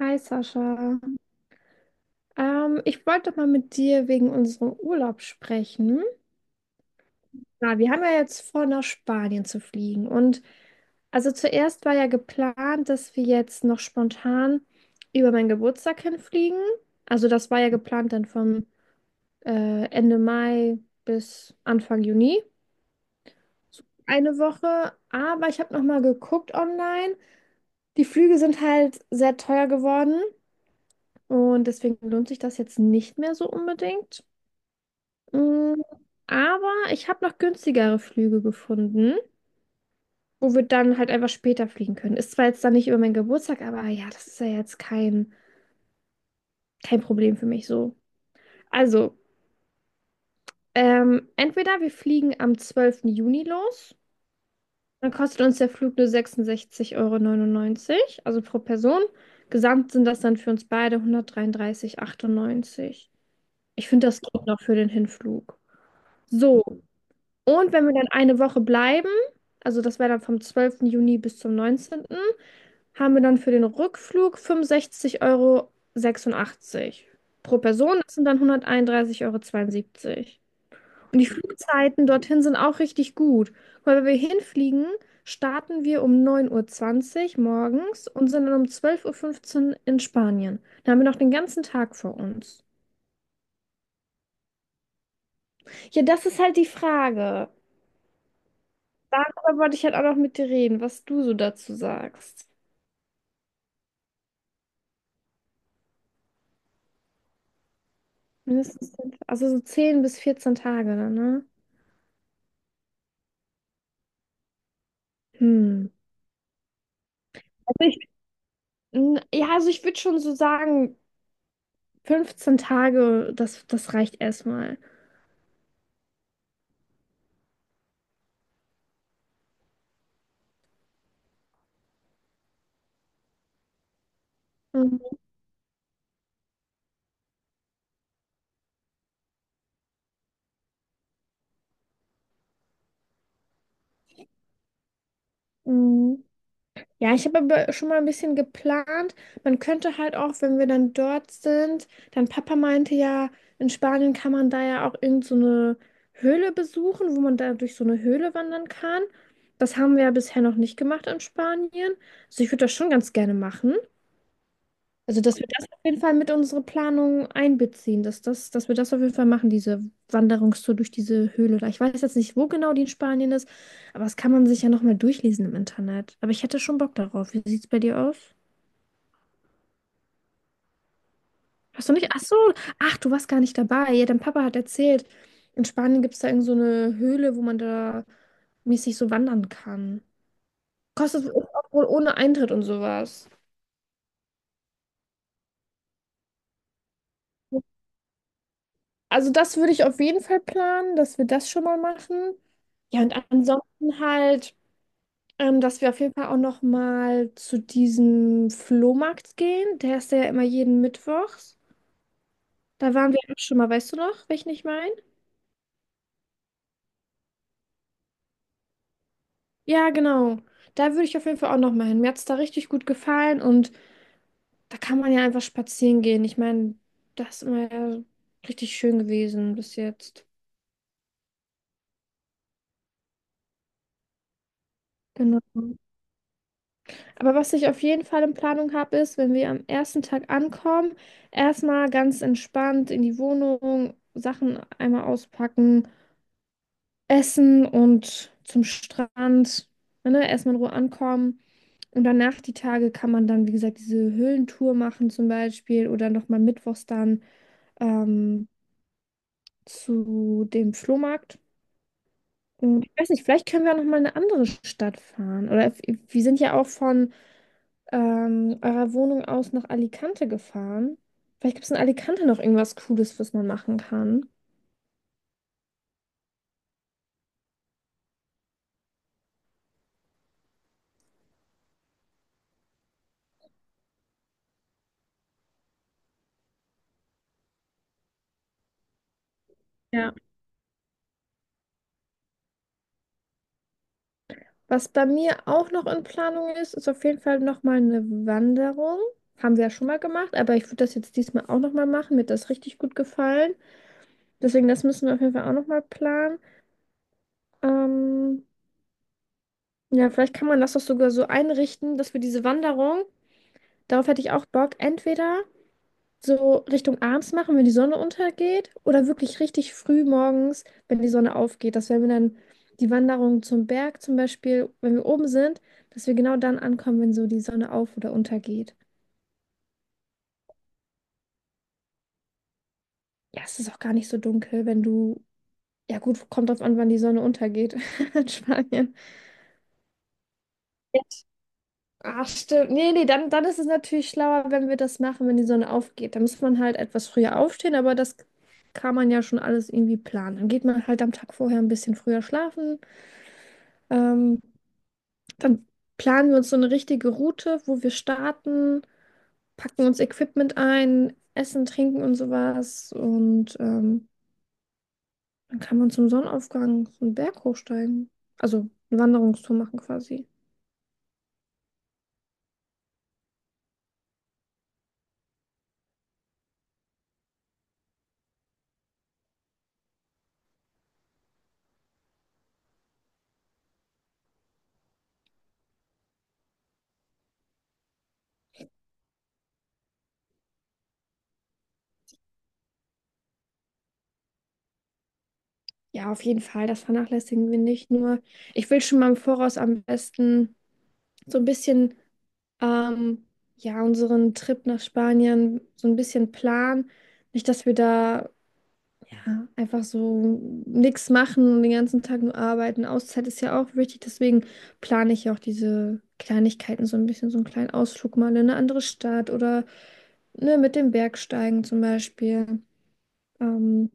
Hi Sascha. Ich wollte mal mit dir wegen unserem Urlaub sprechen. Na, wir haben ja jetzt vor, nach Spanien zu fliegen. Und also zuerst war ja geplant, dass wir jetzt noch spontan über meinen Geburtstag hinfliegen. Also das war ja geplant dann vom Ende Mai bis Anfang Juni. So eine Woche. Aber ich habe noch mal geguckt online. Die Flüge sind halt sehr teuer geworden. Und deswegen lohnt sich das jetzt nicht mehr so unbedingt. Mm, Aber ich habe noch günstigere Flüge gefunden, wo wir dann halt einfach später fliegen können. Ist zwar jetzt dann nicht über meinen Geburtstag, aber ja, das ist ja jetzt kein Problem für mich so. Also, entweder wir fliegen am 12. Juni los, dann kostet uns der Flug nur 66,99 Euro, also pro Person. Gesamt sind das dann für uns beide 133,98. Ich finde, das geht noch für den Hinflug. So. Und wenn wir dann eine Woche bleiben, also das wäre dann vom 12. Juni bis zum 19., haben wir dann für den Rückflug 65,86 € pro Person. Das sind dann hunderteinunddreißig Euro zweiundsiebzig. Und die Flugzeiten dorthin sind auch richtig gut. Weil wenn wir hinfliegen, starten wir um 9:20 Uhr morgens und sind dann um 12:15 Uhr in Spanien. Da haben wir noch den ganzen Tag vor uns. Ja, das ist halt die Frage. Darüber wollte ich halt auch noch mit dir reden, was du so dazu sagst. Mindestens zehn, also so 10 bis 14 Tage dann, ne? Hm. Also ich, ja, also ich würde schon so sagen, 15 Tage, das reicht erstmal. Mhm. Mhm. Ja, ich habe aber schon mal ein bisschen geplant. Man könnte halt auch, wenn wir dann dort sind, dann Papa meinte ja, in Spanien kann man da ja auch irgend so eine Höhle besuchen, wo man da durch so eine Höhle wandern kann. Das haben wir ja bisher noch nicht gemacht in Spanien. Also ich würde das schon ganz gerne machen. Also, dass wir das auf jeden Fall mit unsere Planung einbeziehen, dass wir das auf jeden Fall machen, diese Wanderungstour durch diese Höhle da. Ich weiß jetzt nicht, wo genau die in Spanien ist, aber das kann man sich ja nochmal durchlesen im Internet. Aber ich hätte schon Bock darauf. Wie sieht's bei dir aus? Hast du nicht? Ach so, ach, du warst gar nicht dabei. Ja, dein Papa hat erzählt, in Spanien gibt es da irgend so eine Höhle, wo man da mäßig so wandern kann. Kostet auch wohl ohne Eintritt und sowas. Also das würde ich auf jeden Fall planen, dass wir das schon mal machen. Ja, und ansonsten halt, dass wir auf jeden Fall auch noch mal zu diesem Flohmarkt gehen. Der ist ja immer jeden Mittwochs. Da waren wir auch schon mal, weißt du noch, welchen ich meine? Ja, genau. Da würde ich auf jeden Fall auch noch mal hin. Mir hat es da richtig gut gefallen und da kann man ja einfach spazieren gehen. Ich meine, das ist immer ja richtig schön gewesen bis jetzt. Genau. Aber was ich auf jeden Fall in Planung habe, ist, wenn wir am ersten Tag ankommen, erstmal ganz entspannt in die Wohnung, Sachen einmal auspacken, essen und zum Strand, ne, erstmal in Ruhe ankommen. Und danach die Tage kann man dann, wie gesagt, diese Höhlentour machen zum Beispiel oder nochmal mittwochs dann ähm, zu dem Flohmarkt. Und ich weiß nicht, vielleicht können wir auch nochmal in eine andere Stadt fahren. Wir sind ja auch von eurer Wohnung aus nach Alicante gefahren. Vielleicht gibt es in Alicante noch irgendwas Cooles, was man machen kann. Ja. Was bei mir auch noch in Planung ist, ist auf jeden Fall nochmal eine Wanderung. Haben wir ja schon mal gemacht, aber ich würde das jetzt diesmal auch nochmal machen. Mir hat das richtig gut gefallen. Deswegen, das müssen wir auf jeden Fall auch nochmal planen. Ähm, ja, vielleicht kann man das doch sogar so einrichten, dass wir diese Wanderung, darauf hätte ich auch Bock, entweder so Richtung abends machen, wenn die Sonne untergeht, oder wirklich richtig früh morgens, wenn die Sonne aufgeht, dass wenn wir dann die Wanderung zum Berg zum Beispiel, wenn wir oben sind, dass wir genau dann ankommen, wenn so die Sonne auf oder untergeht. Ja, es ist auch gar nicht so dunkel, wenn du, ja gut, kommt drauf an, wann die Sonne untergeht in Spanien. Ach, stimmt. Nee, nee, dann ist es natürlich schlauer, wenn wir das machen, wenn die Sonne aufgeht. Da muss man halt etwas früher aufstehen, aber das kann man ja schon alles irgendwie planen. Dann geht man halt am Tag vorher ein bisschen früher schlafen. Ähm, dann planen wir uns so eine richtige Route, wo wir starten, packen uns Equipment ein, essen, trinken und sowas. Und dann kann man zum Sonnenaufgang so einen Berg hochsteigen. Also eine Wanderungstour machen quasi. Ja, auf jeden Fall, das vernachlässigen wir nicht. Nur, ich will schon mal im Voraus am besten so ein bisschen, ähm, ja, unseren Trip nach Spanien so ein bisschen planen. Nicht, dass wir da ja einfach so nichts machen und den ganzen Tag nur arbeiten. Auszeit ist ja auch wichtig, deswegen plane ich ja auch diese Kleinigkeiten so ein bisschen, so einen kleinen Ausflug mal in eine andere Stadt oder ne, mit dem Bergsteigen zum Beispiel. Ähm,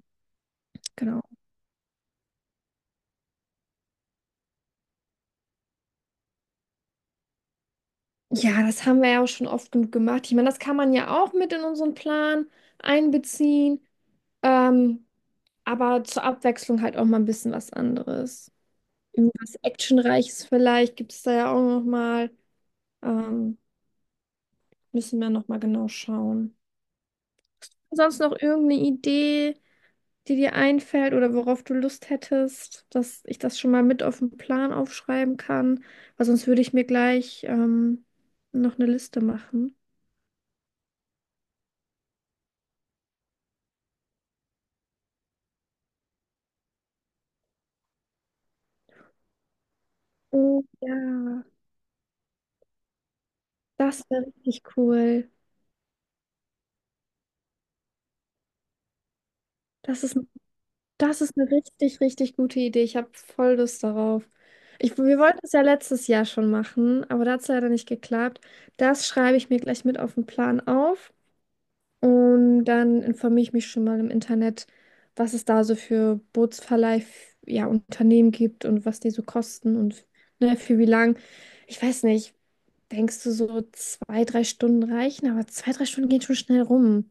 genau. Ja, das haben wir ja auch schon oft genug gemacht. Ich meine, das kann man ja auch mit in unseren Plan einbeziehen, ähm, aber zur Abwechslung halt auch mal ein bisschen was anderes. Irgendwas Actionreiches vielleicht gibt es da ja auch noch mal. Ähm, Müssen wir nochmal genau schauen. Sonst noch irgendeine Idee, die dir einfällt oder worauf du Lust hättest, dass ich das schon mal mit auf den Plan aufschreiben kann, weil sonst würde ich mir gleich noch eine Liste machen. Oh ja, das wäre richtig cool. Das ist, das ist eine richtig, richtig gute Idee. Ich habe voll Lust darauf. Ich, wir wollten es ja letztes Jahr schon machen, aber da hat es leider nicht geklappt. Das schreibe ich mir gleich mit auf den Plan auf. Und dann informiere ich mich schon mal im Internet, was es da so für Bootsverleih, ja, Unternehmen gibt und was die so kosten und ne, für wie lang. Ich weiß nicht, denkst du so 2, 3 Stunden reichen? Aber 2, 3 Stunden gehen schon schnell rum.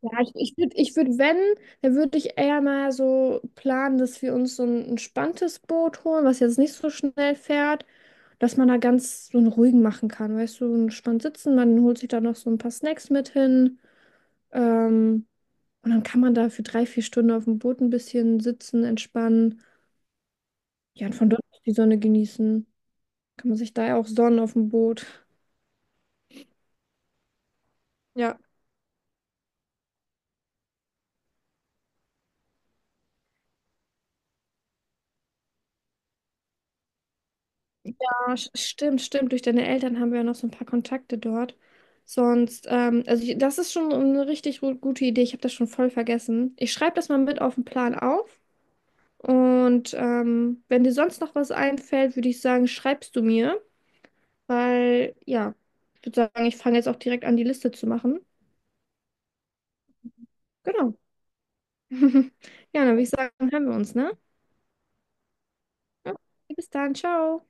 Ja, ich würde, ich würd, wenn, dann würde ich eher mal so planen, dass wir uns so ein entspanntes Boot holen, was jetzt nicht so schnell fährt, dass man da ganz so einen ruhigen machen kann. Weißt du, so entspannt sitzen, man holt sich da noch so ein paar Snacks mit hin. Ähm, und dann kann man da für 3, 4 Stunden auf dem Boot ein bisschen sitzen, entspannen. Ja, und von dort aus die Sonne genießen. Kann man sich da ja auch sonnen auf dem Boot. Ja. Ah, stimmt, stimmt. Durch deine Eltern haben wir ja noch so ein paar Kontakte dort. Sonst, also ich, das ist schon eine richtig gute Idee. Ich habe das schon voll vergessen. Ich schreibe das mal mit auf den Plan auf. Und wenn dir sonst noch was einfällt, würde ich sagen, schreibst du mir. Weil, ja, ich würde sagen, ich fange jetzt auch direkt an, die Liste zu machen. Genau. Ja, dann würde ich sagen, hören wir uns, ne? Ja, bis dann, ciao.